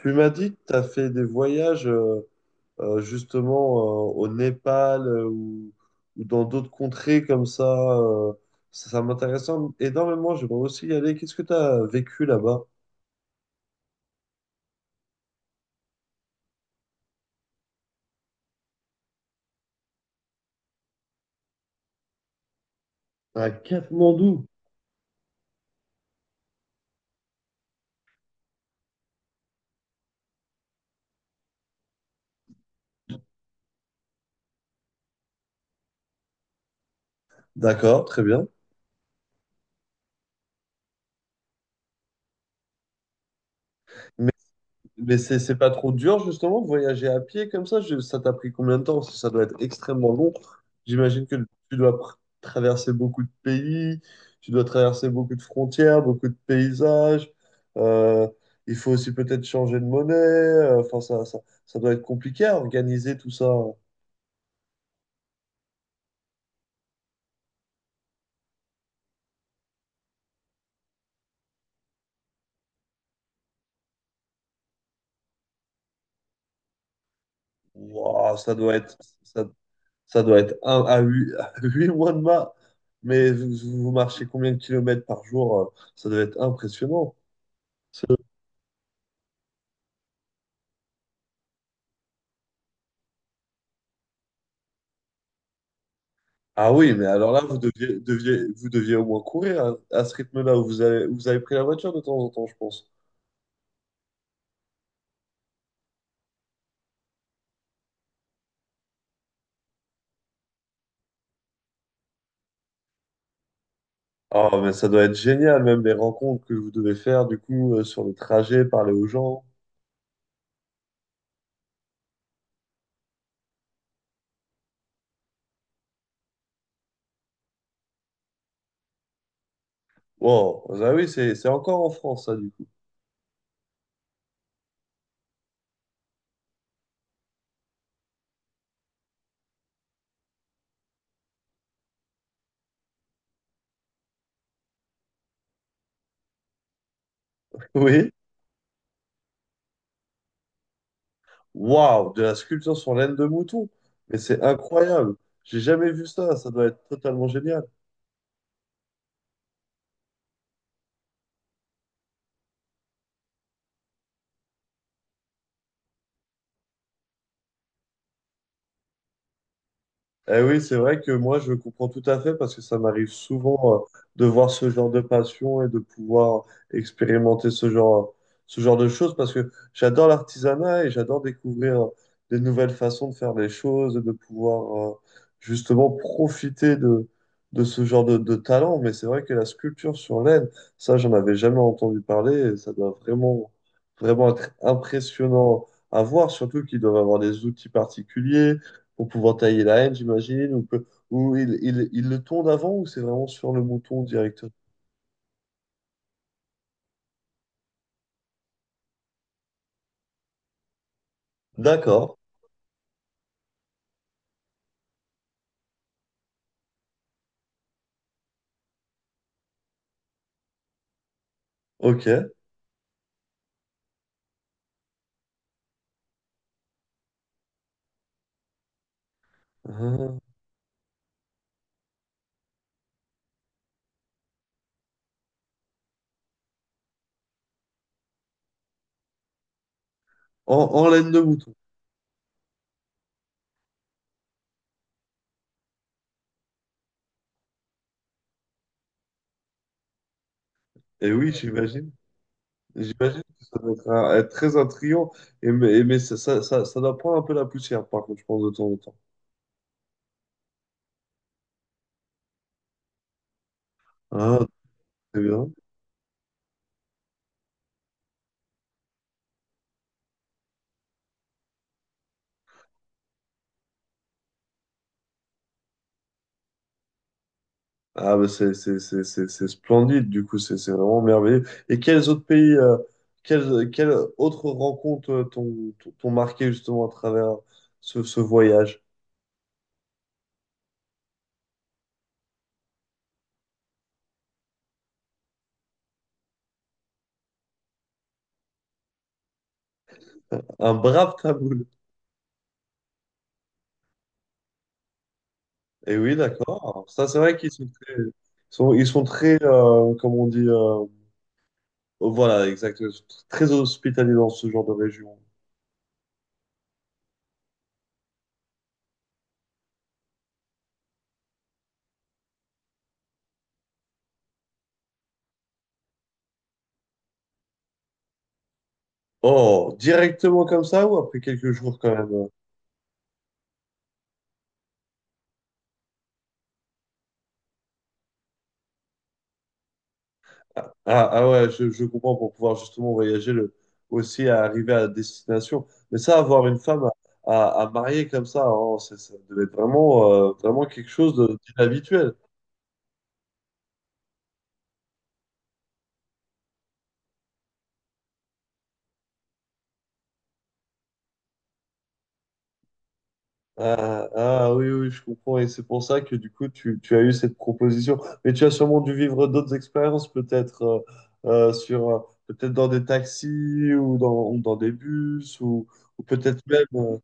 Tu m'as dit que tu as fait des voyages justement au Népal ou dans d'autres contrées comme ça. euh, ça m'intéresse énormément, j'aimerais aussi y aller. Qu'est-ce que tu as vécu là-bas? À Katmandou. D'accord, très bien. Mais c'est pas trop dur justement de voyager à pied comme ça? Ça t'a pris combien de temps? Parce que ça doit être extrêmement long. J'imagine que tu dois pr- traverser beaucoup de pays, tu dois traverser beaucoup de frontières, beaucoup de paysages. Euh, il faut aussi peut-être changer de monnaie. Enfin, ça doit être compliqué à organiser tout ça. Ouah, ça, ça doit être un à huit, à huit mois de mars. Mais vous, vous marchez combien de kilomètres par jour? Ça doit être impressionnant. Ah oui, mais alors là, vous deviez au moins courir à ce rythme-là où vous avez pris la voiture de temps en temps, je pense. Oh, mais ça doit être génial, même les rencontres que vous devez faire, du coup, sur le trajet, parler aux gens. Wow, ah oui, c'est encore en France, ça, du coup. Oui, waouh, de la sculpture sur laine de mouton. Mais c'est incroyable. J'ai jamais vu ça, ça doit être totalement génial. Eh oui, c'est vrai que moi, je comprends tout à fait parce que ça m'arrive souvent de voir ce genre de passion et de pouvoir expérimenter ce genre, ce genre de choses parce que j'adore l'artisanat et j'adore découvrir des nouvelles façons de faire les choses et de pouvoir justement de ce de talent. Mais c'est vrai que la sculpture sur laine, ça, j'en avais jamais entendu parler et ça doit vraiment être impressionnant à voir, surtout qu'ils doivent avoir des outils particuliers pour pouvoir tailler la haine, j'imagine, ou il le tond avant, ou c'est vraiment sur le mouton directement? D'accord, ok. Ah. En, en laine de mouton. Et oui, j'imagine. J'imagine que ça doit être, un- être très intriguant, ça doit prendre un peu la poussière, par contre, je pense, de temps en temps. Ah, très bien. Ah, bah, c'est splendide, du coup, c'est vraiment merveilleux. Et quels autres pays, quelles, quelles autres rencontres t'ont marqué justement à travers ce voyage? Un brave taboul. Et oui, d'accord. Ça, c'est vrai qu'ils sont très, ils sont très comme on dit, voilà, exact, ils sont très hospitaliers dans ce genre de région. Oh, directement comme ça ou après quelques jours quand même? Ouais, je comprends pour pouvoir justement aussi à arriver à destination. Mais ça, avoir une femme à marier comme ça, oh, ça devait être vraiment, vraiment quelque chose d'inhabituel. Oui, oui, oui, je comprends. Et c'est pour ça que du coup, tu as eu cette proposition. Mais tu as sûrement dû vivre d'autres expériences, peut-être euh, sur, euh, peut-être dans des taxis ou dans des bus ou peut-être même.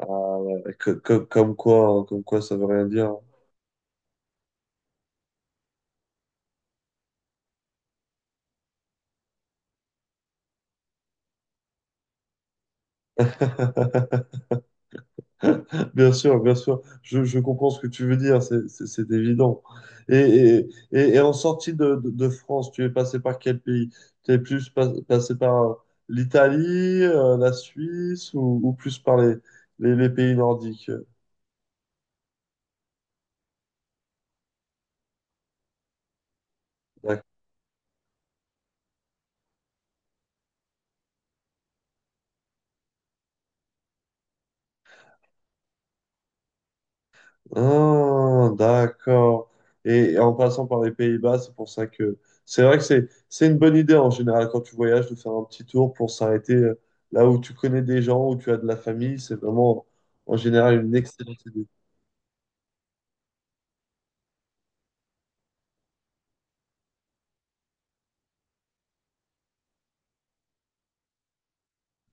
Ah, ouais, comme quoi, ça veut rien dire. Bien sûr, je comprends ce que tu veux dire, c'est évident. Et, et, et en sortie de France, tu es passé par quel pays? Tu es plus pas- passé par l'Italie, la Suisse ou plus par les pays nordiques? Ah, d'accord. Et en passant par les Pays-Bas, c'est pour ça que c'est vrai que c'est une bonne idée en général quand tu voyages de faire un petit tour pour s'arrêter là où tu connais des gens, où tu as de la famille. C'est vraiment en général une excellente idée.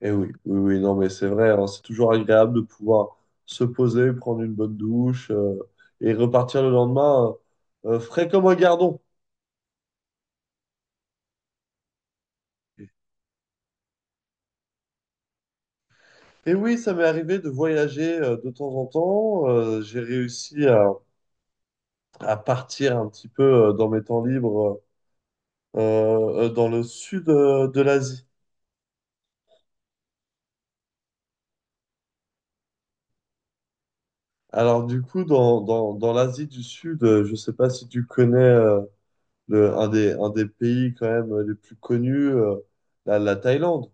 Eh oui, oui, oui, non, mais c'est vrai, hein, c'est toujours agréable de pouvoir se poser, prendre une bonne douche et repartir le lendemain frais comme un gardon. Et oui, ça m'est arrivé de voyager de temps en temps. J'ai réussi à partir un petit peu dans mes temps libres dans le sud de l'Asie. Alors du coup, dans l'Asie du Sud, je ne sais pas si tu connais un des pays quand même les plus connus, la Thaïlande.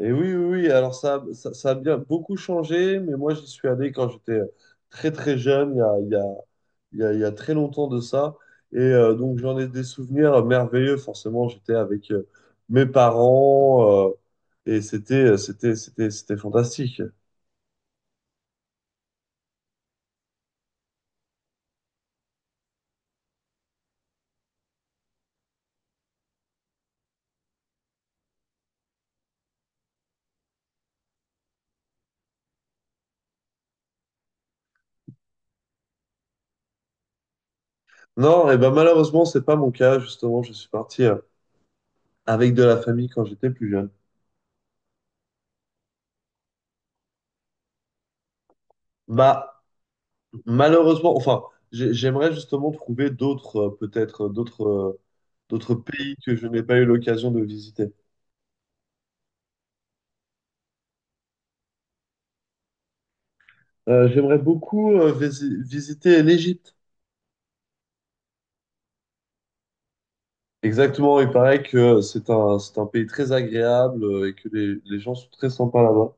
Et oui, oui, oui, alors ça a bien beaucoup changé, mais moi j'y suis allé quand j'étais très très jeune, il y a, il y a il y a, il y a très longtemps de ça. Et donc, j'en ai des souvenirs merveilleux. Forcément, j'étais avec mes parents et c'était fantastique. Non, et ben malheureusement, c'est pas mon cas. Justement, je suis parti avec de la famille quand j'étais plus jeune. Bah, malheureusement, enfin, j'aimerais justement trouver d'autres, d'autres pays que je n'ai pas eu l'occasion de visiter. J'aimerais beaucoup visiter l'Égypte. Exactement, il paraît que c'est un pays très agréable et que les gens sont très sympas là-bas.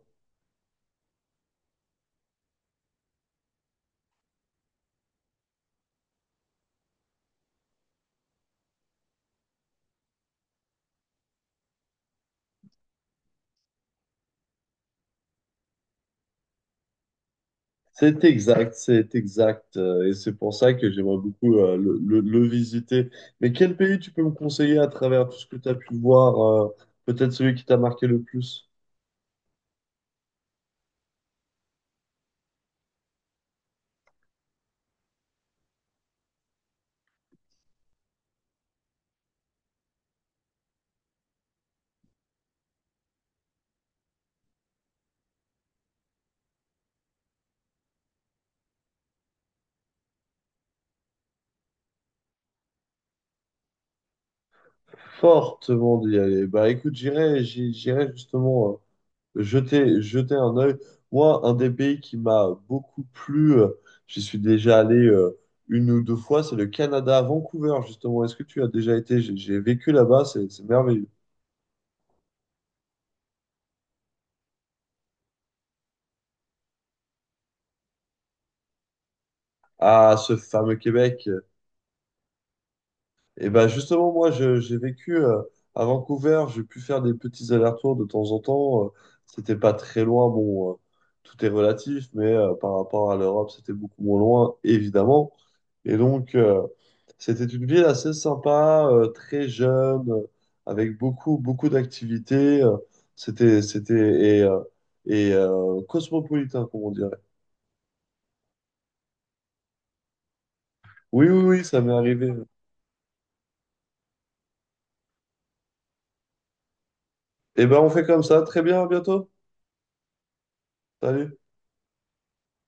C'est exact, c'est exact. Et c'est pour ça que j'aimerais beaucoup le visiter. Mais quel pays tu peux me conseiller à travers tout ce que tu as pu voir, euh, peut-être celui qui t'a marqué le plus? Fortement d'y aller. Bah écoute, j'irai justement jetez, jetez un œil. Moi, un des pays qui m'a beaucoup plu, j'y suis déjà allé une ou deux fois, c'est le Canada, à Vancouver, justement. Est-ce que tu as déjà été? J'ai vécu là-bas, c'est merveilleux. Ah, ce fameux Québec. Et ben justement, moi, j'ai vécu à Vancouver, j'ai pu faire des petits allers-retours de temps en temps. C'était pas très loin, bon, tout est relatif, mais par rapport à l'Europe, c'était beaucoup moins loin, évidemment. Et donc, c'était une ville assez sympa, très jeune, avec beaucoup d'activités. C'était, c'était, et, euh, et cosmopolitain, comme on dirait. Oui, oui, oui, ça m'est arrivé. Et ben on fait comme ça. Très bien, à bientôt. Salut.